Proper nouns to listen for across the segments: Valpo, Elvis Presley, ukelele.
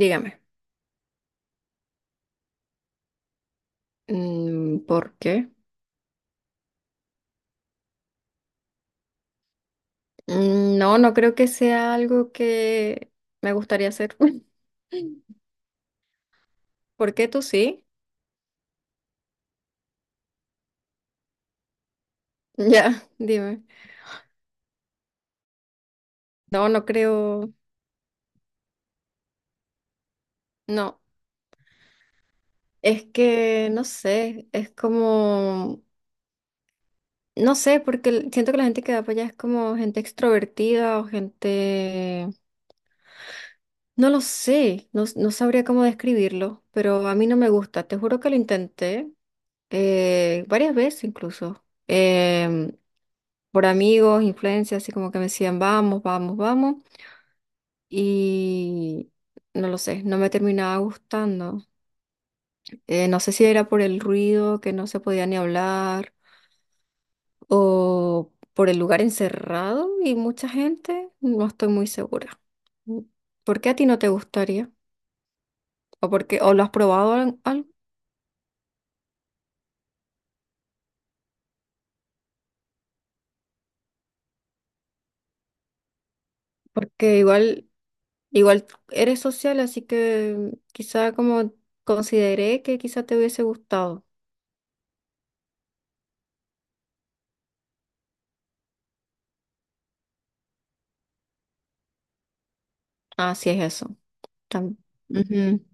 Dígame, ¿por qué? Mm, no, no creo que sea algo que me gustaría hacer. ¿Por qué tú sí? Ya, dime. No, no creo. No, es que no sé, es como, no sé, porque siento que la gente que va para allá es como gente extrovertida o gente, no lo sé, no, no sabría cómo describirlo, pero a mí no me gusta. Te juro que lo intenté varias veces incluso. Por amigos, influencias, así como que me decían, vamos, vamos, vamos. Y no lo sé, no me terminaba gustando. No sé si era por el ruido, que no se podía ni hablar, o por el lugar encerrado y mucha gente, no estoy muy segura. Mm. ¿Por qué a ti no te gustaría? ¿O o lo has probado algo? Porque igual, igual eres social, así que quizá como consideré que quizá te hubiese gustado. Ah, sí es eso. También.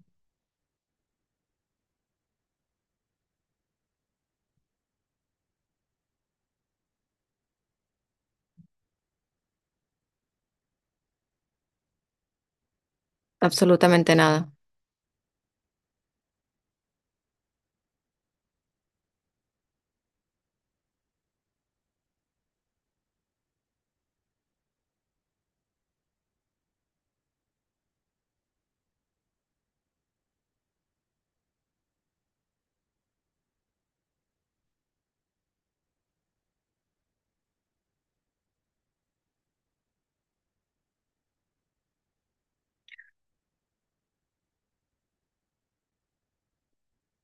Absolutamente nada.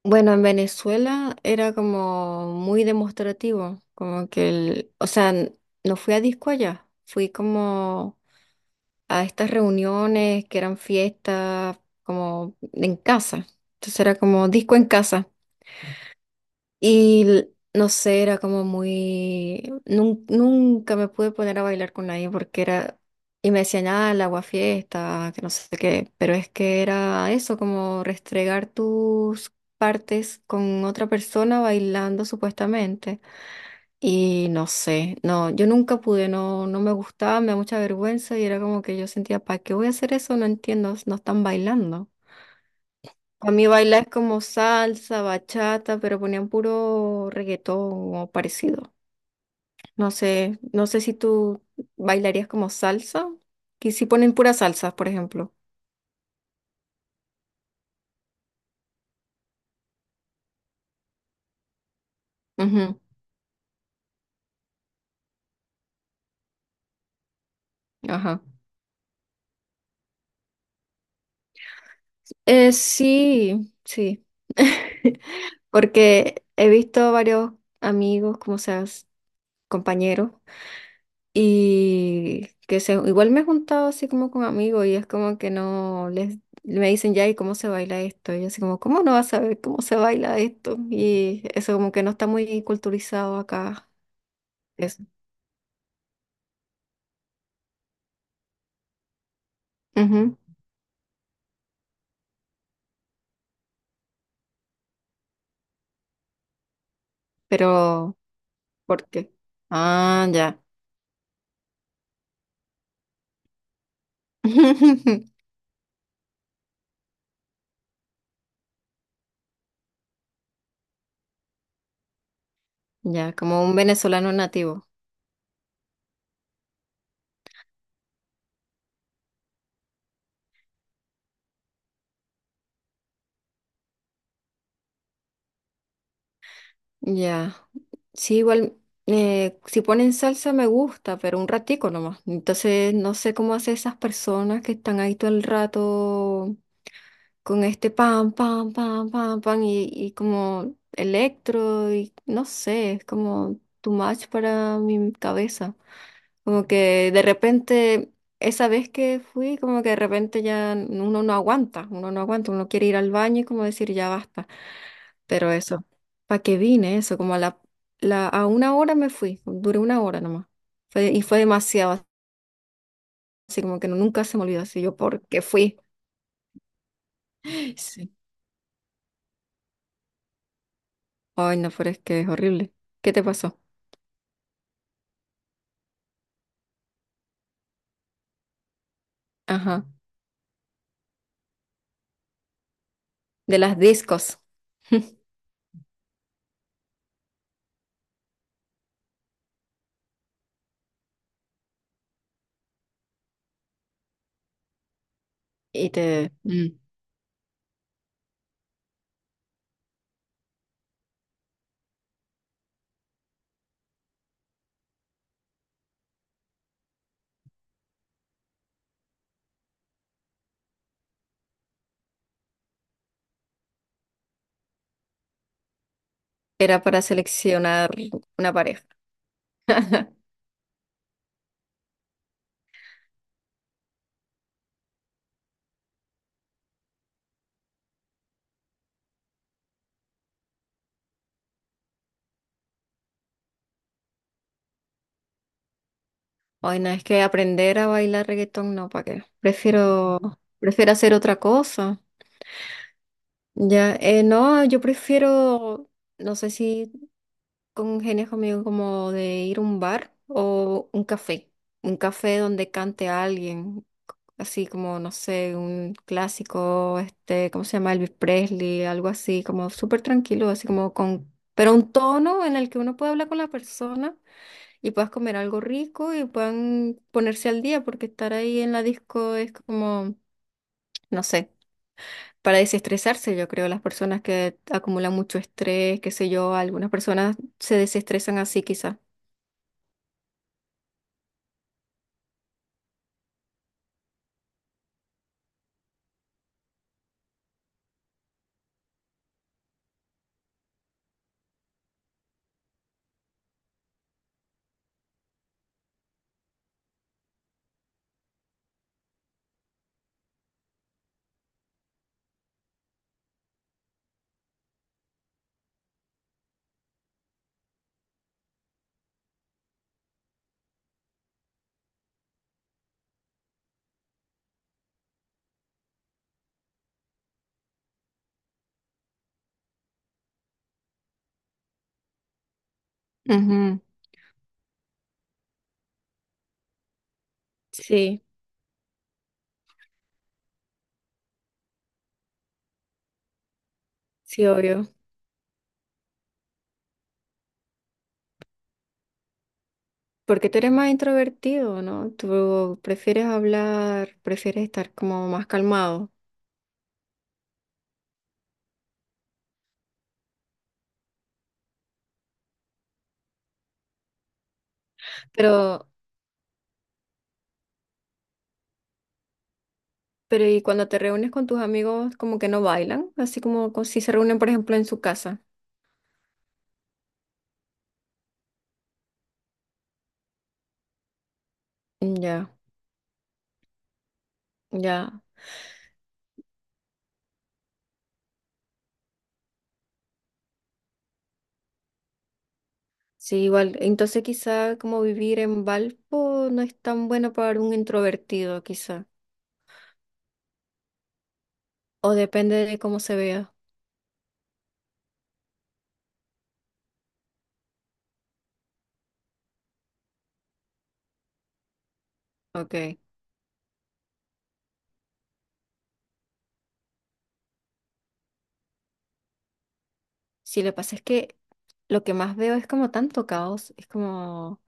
Bueno, en Venezuela era como muy demostrativo, como que el, o sea, no fui a disco allá, fui como a estas reuniones que eran fiestas como en casa. Entonces era como disco en casa. Y no sé, era como muy nunca me pude poner a bailar con nadie porque era. Y me decían, ah, el agua fiesta, que no sé qué, pero es que era eso, como restregar tus partes con otra persona bailando supuestamente. Y no sé, no, yo nunca pude, no, no me gustaba, me da mucha vergüenza y era como que yo sentía, ¿para qué voy a hacer eso? No entiendo, no están bailando. A mí bailar es como salsa, bachata, pero ponían puro reggaetón o parecido. No sé, no sé si tú bailarías como salsa, que si ponen pura salsa, por ejemplo. Ujú, ajá. Sí, sí. Porque he visto varios amigos, como seas, compañeros. Y que se, igual me he juntado así como con amigos y es como que no les me dicen ya y cómo se baila esto. Y yo así como, ¿cómo no vas a saber cómo se baila esto? Y eso como que no está muy culturizado acá. Eso. Ujú. Pero, ¿por qué? Ah, ya. Ya, como un venezolano nativo. Ya. Sí, igual, si ponen salsa me gusta, pero un ratico nomás. Entonces, no sé cómo hacen esas personas que están ahí todo el rato con este pam, pam, pam, pam, pam y como electro y no sé, es como too much para mi cabeza. Como que de repente, esa vez que fui, como que de repente ya uno no aguanta, uno no aguanta, uno quiere ir al baño y como decir ya basta. Pero eso, ¿para qué vine? Eso, como a la, la, a una hora me fui, duré una hora nomás. Y fue demasiado, así como que nunca se me olvidó, así yo, ¿por qué fui? Sí. Ay, no, pero es que es horrible. ¿Qué te pasó? Ajá, de las discos. Y te mm. Era para seleccionar una pareja. Ay, no, es que aprender a bailar reggaetón, no, ¿para qué? Prefiero, prefiero hacer otra cosa. Ya, no, yo prefiero, no sé si con genes conmigo como de ir a un bar o un café donde cante a alguien, así como, no sé, un clásico, este, ¿cómo se llama? Elvis Presley, algo así, como súper tranquilo, así como con, pero un tono en el que uno pueda hablar con la persona y puedas comer algo rico y puedan ponerse al día, porque estar ahí en la disco es como, no sé. Para desestresarse, yo creo, las personas que acumulan mucho estrés, qué sé yo, algunas personas se desestresan así quizás. Ujú, sí, sí, obvio. Porque tú eres más introvertido, ¿no? Tú prefieres hablar, prefieres estar como más calmado. Pero, pero ¿y cuando te reúnes con tus amigos, como que no bailan? Así como si se reúnen, por ejemplo, en su casa. Mm, ya, ya. Sí, igual. Entonces quizá como vivir en Valpo no es tan bueno para un introvertido, quizá. O depende de cómo se vea. Ok. Sí, lo que pasa es que lo que más veo es como tanto caos. Es como.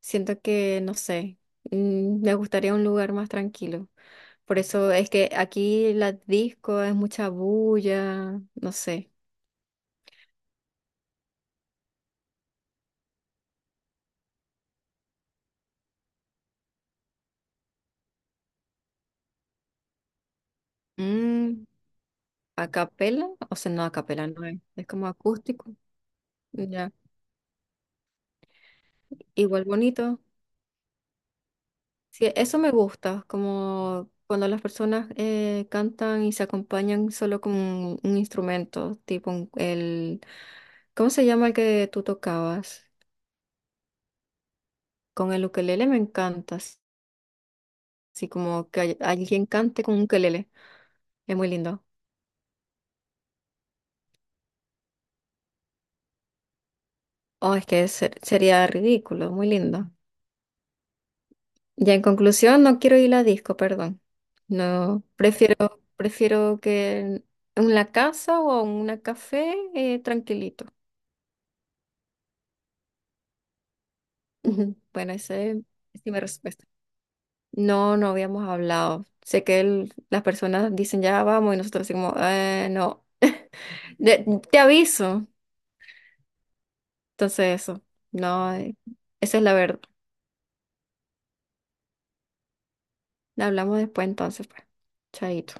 Siento que, no sé, me gustaría un lugar más tranquilo. Por eso es que aquí la disco es mucha bulla, no sé. Mm, a capela, o sea, no a capela, no es, es como acústico. Ya, igual bonito. Sí, eso me gusta, como cuando las personas cantan y se acompañan solo con un instrumento, tipo el, ¿cómo se llama el que tú tocabas? Con el ukelele me encanta. Así como que alguien cante con un ukelele. Es muy lindo. Oh, es que sería ridículo, muy lindo. Ya en conclusión, no quiero ir a disco, perdón. No, prefiero, prefiero que en la casa o en un café tranquilito. Ujú. Bueno, esa es, esa mi respuesta. No, no habíamos hablado. Sé que las personas dicen ya vamos y nosotros decimos, no. De- te aviso. Entonces eso. No, esa es la verdad. Hablamos después entonces, pues. Chaito.